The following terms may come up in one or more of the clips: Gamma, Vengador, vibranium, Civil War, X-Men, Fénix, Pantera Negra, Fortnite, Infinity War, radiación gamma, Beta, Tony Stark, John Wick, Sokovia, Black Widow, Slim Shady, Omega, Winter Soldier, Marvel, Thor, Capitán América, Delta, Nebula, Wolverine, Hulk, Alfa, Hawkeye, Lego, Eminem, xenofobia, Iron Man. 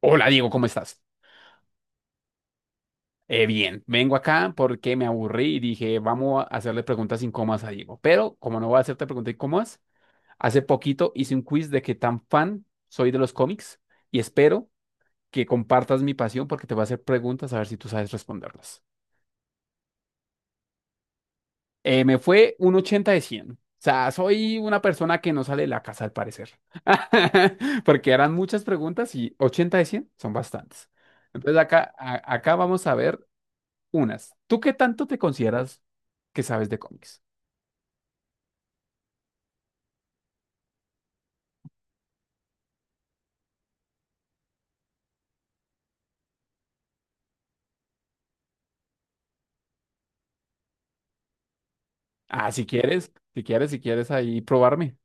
Hola Diego, ¿cómo estás? Bien, vengo acá porque me aburrí y dije, vamos a hacerle preguntas incómodas a Diego. Pero como no voy a hacerte preguntas incómodas, hace poquito hice un quiz de qué tan fan soy de los cómics y espero que compartas mi pasión porque te voy a hacer preguntas a ver si tú sabes responderlas. Me fue un 80 de 100. O sea, soy una persona que no sale de la casa al parecer. Porque eran muchas preguntas y 80 de 100 son bastantes. Entonces acá, acá vamos a ver unas. ¿Tú qué tanto te consideras que sabes de cómics? Ah, si quieres, si quieres, si quieres ahí probarme.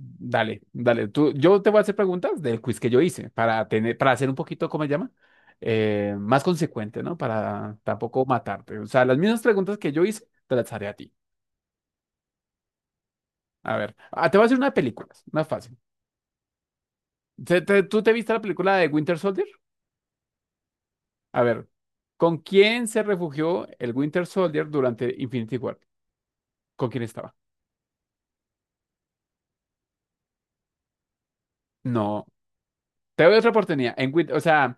Dale, dale. Tú, yo te voy a hacer preguntas del quiz que yo hice para tener, para hacer un poquito, ¿cómo se llama? Más consecuente, ¿no? Para tampoco matarte. O sea, las mismas preguntas que yo hice, te las haré a ti. A ver, te voy a hacer una de películas, una fácil. ¿Tú te viste la película de Winter Soldier? A ver, ¿con quién se refugió el Winter Soldier durante Infinity War? ¿Con quién estaba? No. Te doy otra oportunidad. O sea,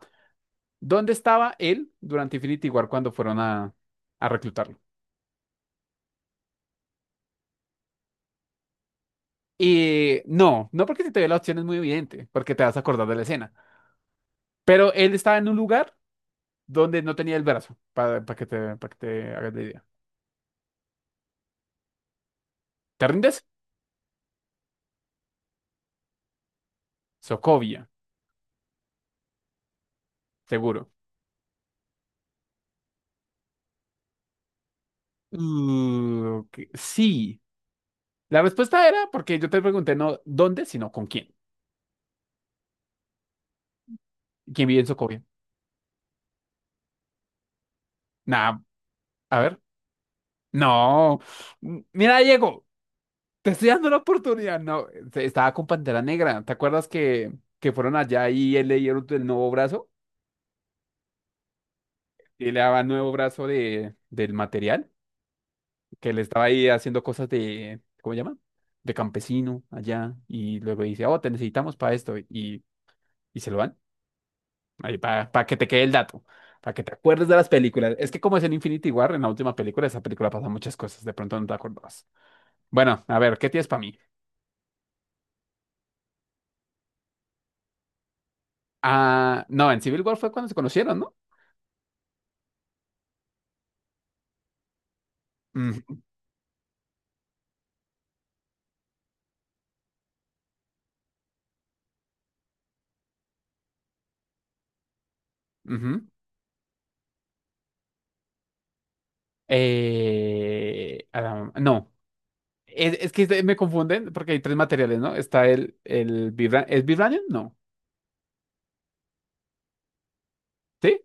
¿dónde estaba él durante Infinity War cuando fueron a, reclutarlo? Y no, no porque si te doy la opción es muy evidente, porque te vas a acordar de la escena. Pero él estaba en un lugar donde no tenía el brazo, para que te, para que te hagas la idea. ¿Te rindes? Sokovia, seguro. Ok, sí. La respuesta era porque yo te pregunté no dónde, sino con quién. ¿Quién vive en Sokovia? Nada, a ver. No. Mira, Diego. Te estoy dando la oportunidad. No, estaba con Pantera Negra. ¿Te acuerdas que fueron allá y él le dieron el nuevo brazo? Y le daba el nuevo brazo de, del material, que le estaba ahí haciendo cosas de, ¿cómo se llama? De campesino allá. Y luego dice, oh, te necesitamos para esto. Y se lo dan. Ahí para que te quede el dato. Para que te acuerdes de las películas. Es que como es en Infinity War, en la última película, esa película pasa muchas cosas. De pronto no te acordabas. Bueno, a ver, ¿qué tienes para mí? Ah, no, en Civil War fue cuando se conocieron, ¿no? Ujú, ujú. No, es que me confunden porque hay tres materiales, ¿no? Está ¿es vibranium? No, ¿sí?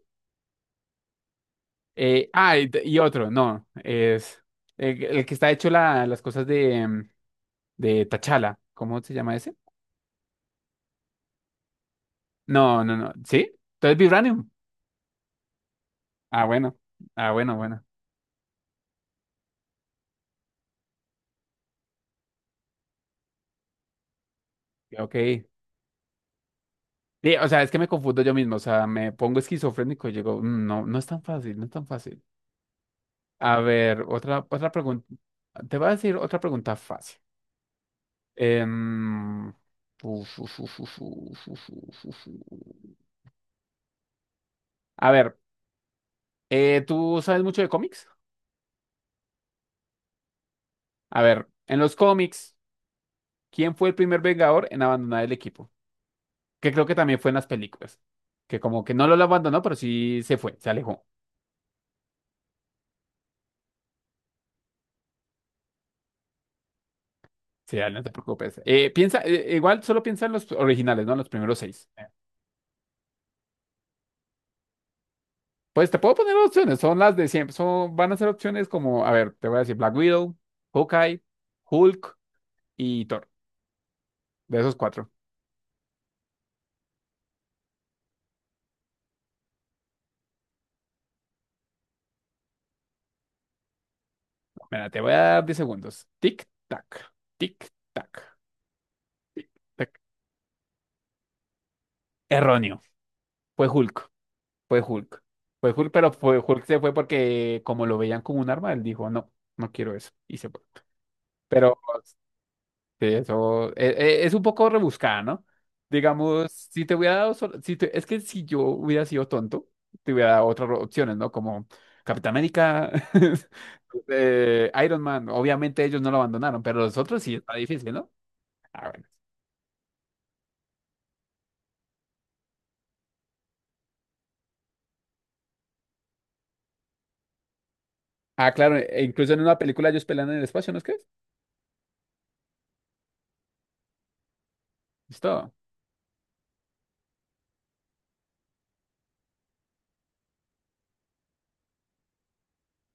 Y otro, no, es el que está hecho las cosas de, de Tachala, ¿cómo se llama ese? No, no, no, ¿sí? Entonces vibranium. Ah, bueno, ah, bueno, bueno, ok. Sí, o sea, es que me confundo yo mismo, o sea, me pongo esquizofrénico y digo, "Mm, no, no es tan fácil, no es tan fácil. A ver, otra pregunta, te voy a decir otra pregunta fácil. Em, uf, uf. A ver, ¿tú sabes mucho de cómics? A ver, en los cómics, ¿quién fue el primer Vengador en abandonar el equipo? Que creo que también fue en las películas. Que como que no lo abandonó, pero sí se fue, se alejó. Sí, dale, no te preocupes. Piensa, igual solo piensa en los originales, ¿no? Los primeros seis. Pues te puedo poner opciones, son las de siempre. Van a ser opciones como, a ver, te voy a decir Black Widow, Hawkeye, Hulk y Thor. De esos cuatro. Mira, te voy a dar 10 segundos. Tic, tac, tic, tac, tic, tac. Erróneo. Fue Hulk. Fue Hulk. Fue Hulk, pero fue Hulk se fue porque como lo veían como un arma, él dijo, no, no quiero eso. Y se fue. Pero sí, eso es un poco rebuscada, ¿no? Digamos, si te hubiera dado, sol- si te- es que si yo hubiera sido tonto, te hubiera dado otras opciones, ¿no? Como Capitán América, Iron Man. Obviamente ellos no lo abandonaron, pero los otros sí está difícil, ¿no? A ver. Ah, claro, e incluso en una película ellos pelean en el espacio, ¿no es que es? Listo.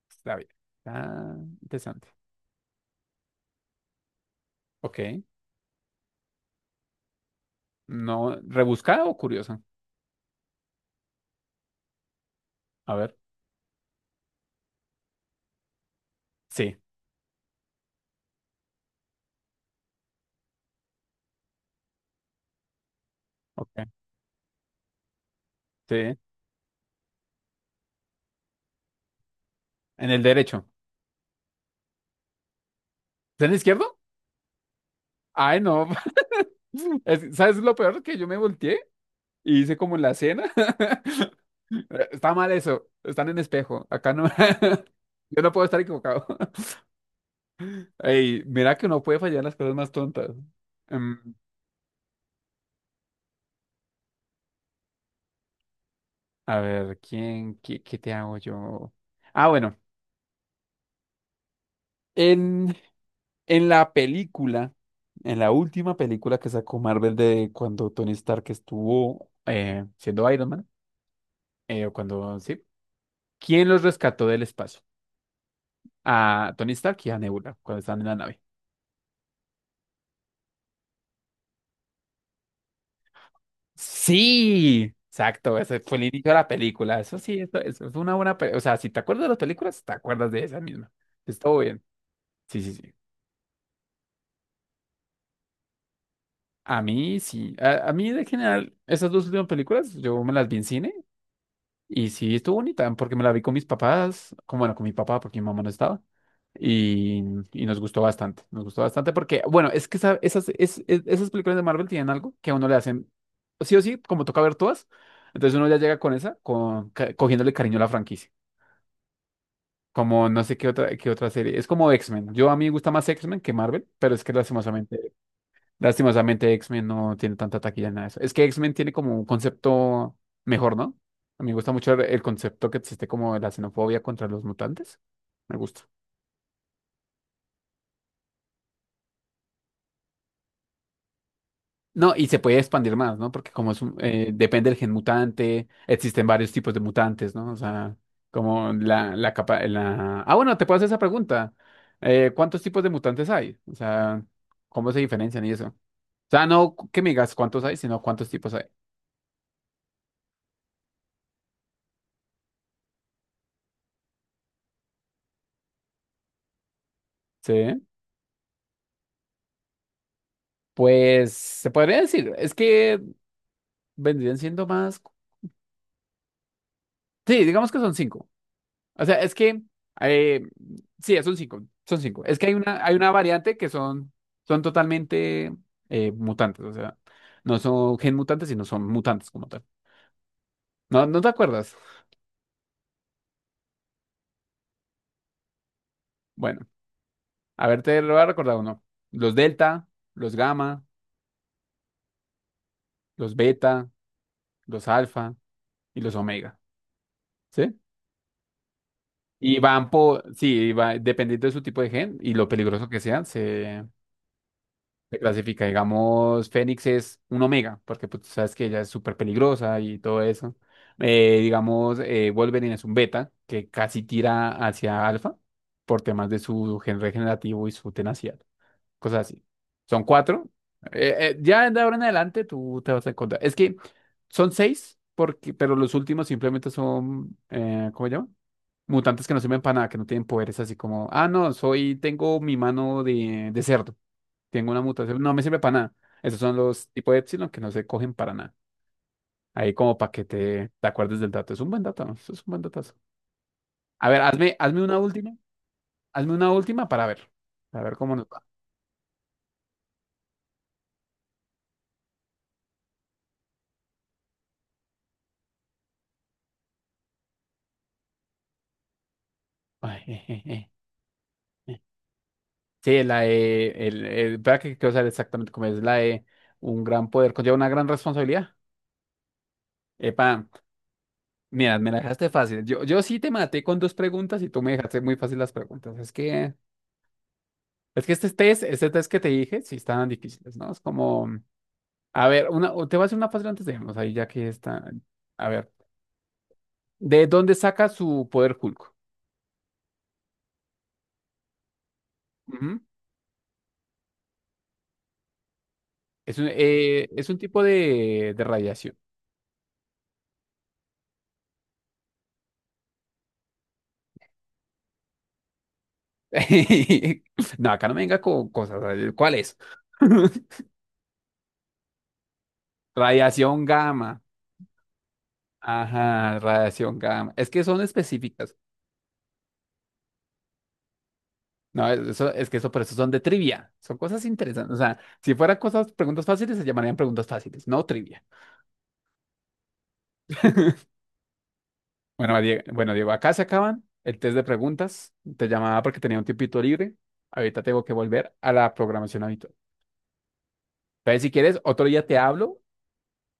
Está bien. Está interesante. Ok. No, ¿rebuscada o curiosa? A ver. Sí. Ok. Sí. En el derecho. ¿Es en el izquierdo? Ay, no. ¿Sabes lo peor? Que yo me volteé y hice como en la cena. Está mal eso. Están en espejo. Acá no. Yo no puedo estar equivocado. Ey, mira que uno puede fallar las cosas más tontas. Em, a ver, ¿quién? ¿Qué te hago yo? Ah, bueno. En, en la película, en la última película que sacó Marvel de cuando Tony Stark estuvo siendo Iron Man, eh, o cuando sí, ¿quién los rescató del espacio? A Tony Stark y a Nebula cuando estaban en la nave. Sí, exacto, ese fue el inicio de la película. Eso sí, eso es una buena, o sea, si te acuerdas de las películas, te acuerdas de esa misma. Estuvo bien. Sí, sí, sí. A mí sí, a mí de general, esas dos últimas películas, yo me las vi en cine y sí, estuvo bonita porque me la vi con mis papás, como bueno, con mi papá porque mi mamá no estaba. Y, y nos gustó bastante porque, bueno, es que esas películas de Marvel tienen algo que a uno le hacen, sí o sí, como toca ver todas, entonces uno ya llega con esa, cogiéndole cariño a la franquicia, como no sé qué otra, serie, es como X-Men, yo a mí me gusta más X-Men que Marvel, pero es que sí. Lastimosamente, X-Men no tiene tanta taquilla en nada de eso. Es que X-Men tiene como un concepto mejor, ¿no? A mí me gusta mucho el concepto que existe como de la xenofobia contra los mutantes. Me gusta. No, y se puede expandir más, ¿no? Porque como es depende del gen mutante, existen varios tipos de mutantes, ¿no? O sea, como la capa, la... Ah, bueno, te puedo hacer esa pregunta. ¿Cuántos tipos de mutantes hay? O sea, ¿cómo se diferencian y eso? O sea, no que me digas cuántos hay, sino cuántos tipos hay. Sí. Pues se podría decir, es que vendrían siendo más. Sí, digamos que son cinco. O sea, es que eh, sí, son cinco. Son cinco. Es que hay una variante que son totalmente mutantes. O sea, no son gen mutantes, sino son mutantes como tal. ¿No te acuerdas? Bueno, a ver, te lo voy a recordar uno. Los delta, los gamma, los beta, los alfa y los omega. ¿Sí? Y van por, sí, va, dependiendo de su tipo de gen y lo peligroso que sean, se. Se clasifica. Digamos, Fénix es un Omega, porque pues, tú sabes que ella es súper peligrosa y todo eso. Digamos, Wolverine es un Beta, que casi tira hacia Alfa por temas de su gen regenerativo y su tenacidad. Cosas así. Son cuatro. Ya de ahora en adelante tú te vas a encontrar. Es que son seis, porque, pero los últimos simplemente ¿cómo se llama? Mutantes que no sirven para nada, que no tienen poderes así como, no, tengo mi mano de cerdo. Tengo una mutación, no me sirve para nada. Esos son los tipos de epsilon que no se cogen para nada. Ahí como para que te acuerdes del dato. Es un buen dato, ¿no? Eso es un buen datazo. A ver, hazme una última. Hazme una última para ver. A ver cómo nos va. Ay, eh. Sí, la de... espera que quiero saber exactamente cómo es. La de un gran poder conlleva una gran responsabilidad. Epa, mira, me la dejaste fácil. Yo sí te maté con dos preguntas y tú me dejaste muy fácil las preguntas. Es que este test que te dije, sí estaban difíciles, ¿no? Es como... A ver, o te voy a hacer una fácil antes de irnos, ahí ya que está. A ver, ¿de dónde saca su poder Hulk? Ujú. Es un tipo de radiación. No, acá no me venga con cosas. ¿Cuál es? Radiación gamma. Ajá, radiación gamma. Es que son específicas. No, eso, es que eso, por eso son de trivia. Son cosas interesantes. O sea, si fueran preguntas fáciles, se llamarían preguntas fáciles, no trivia. Bueno, Diego, acá se acaban el test de preguntas. Te llamaba porque tenía un tiempito libre. Ahorita tengo que volver a la programación habitual. Entonces, si quieres, otro día te hablo.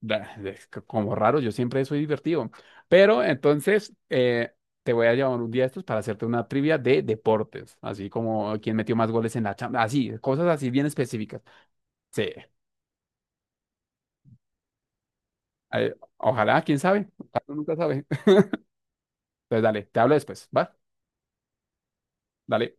Es que como raro, yo siempre soy divertido. Pero entonces, te voy a llamar un día de estos para hacerte una trivia de deportes. Así como quién metió más goles en la chamba. Así, cosas así bien específicas. Sí. Ojalá, quién sabe. Uno nunca sabe. Entonces, dale, te hablo después. ¿Va? Dale.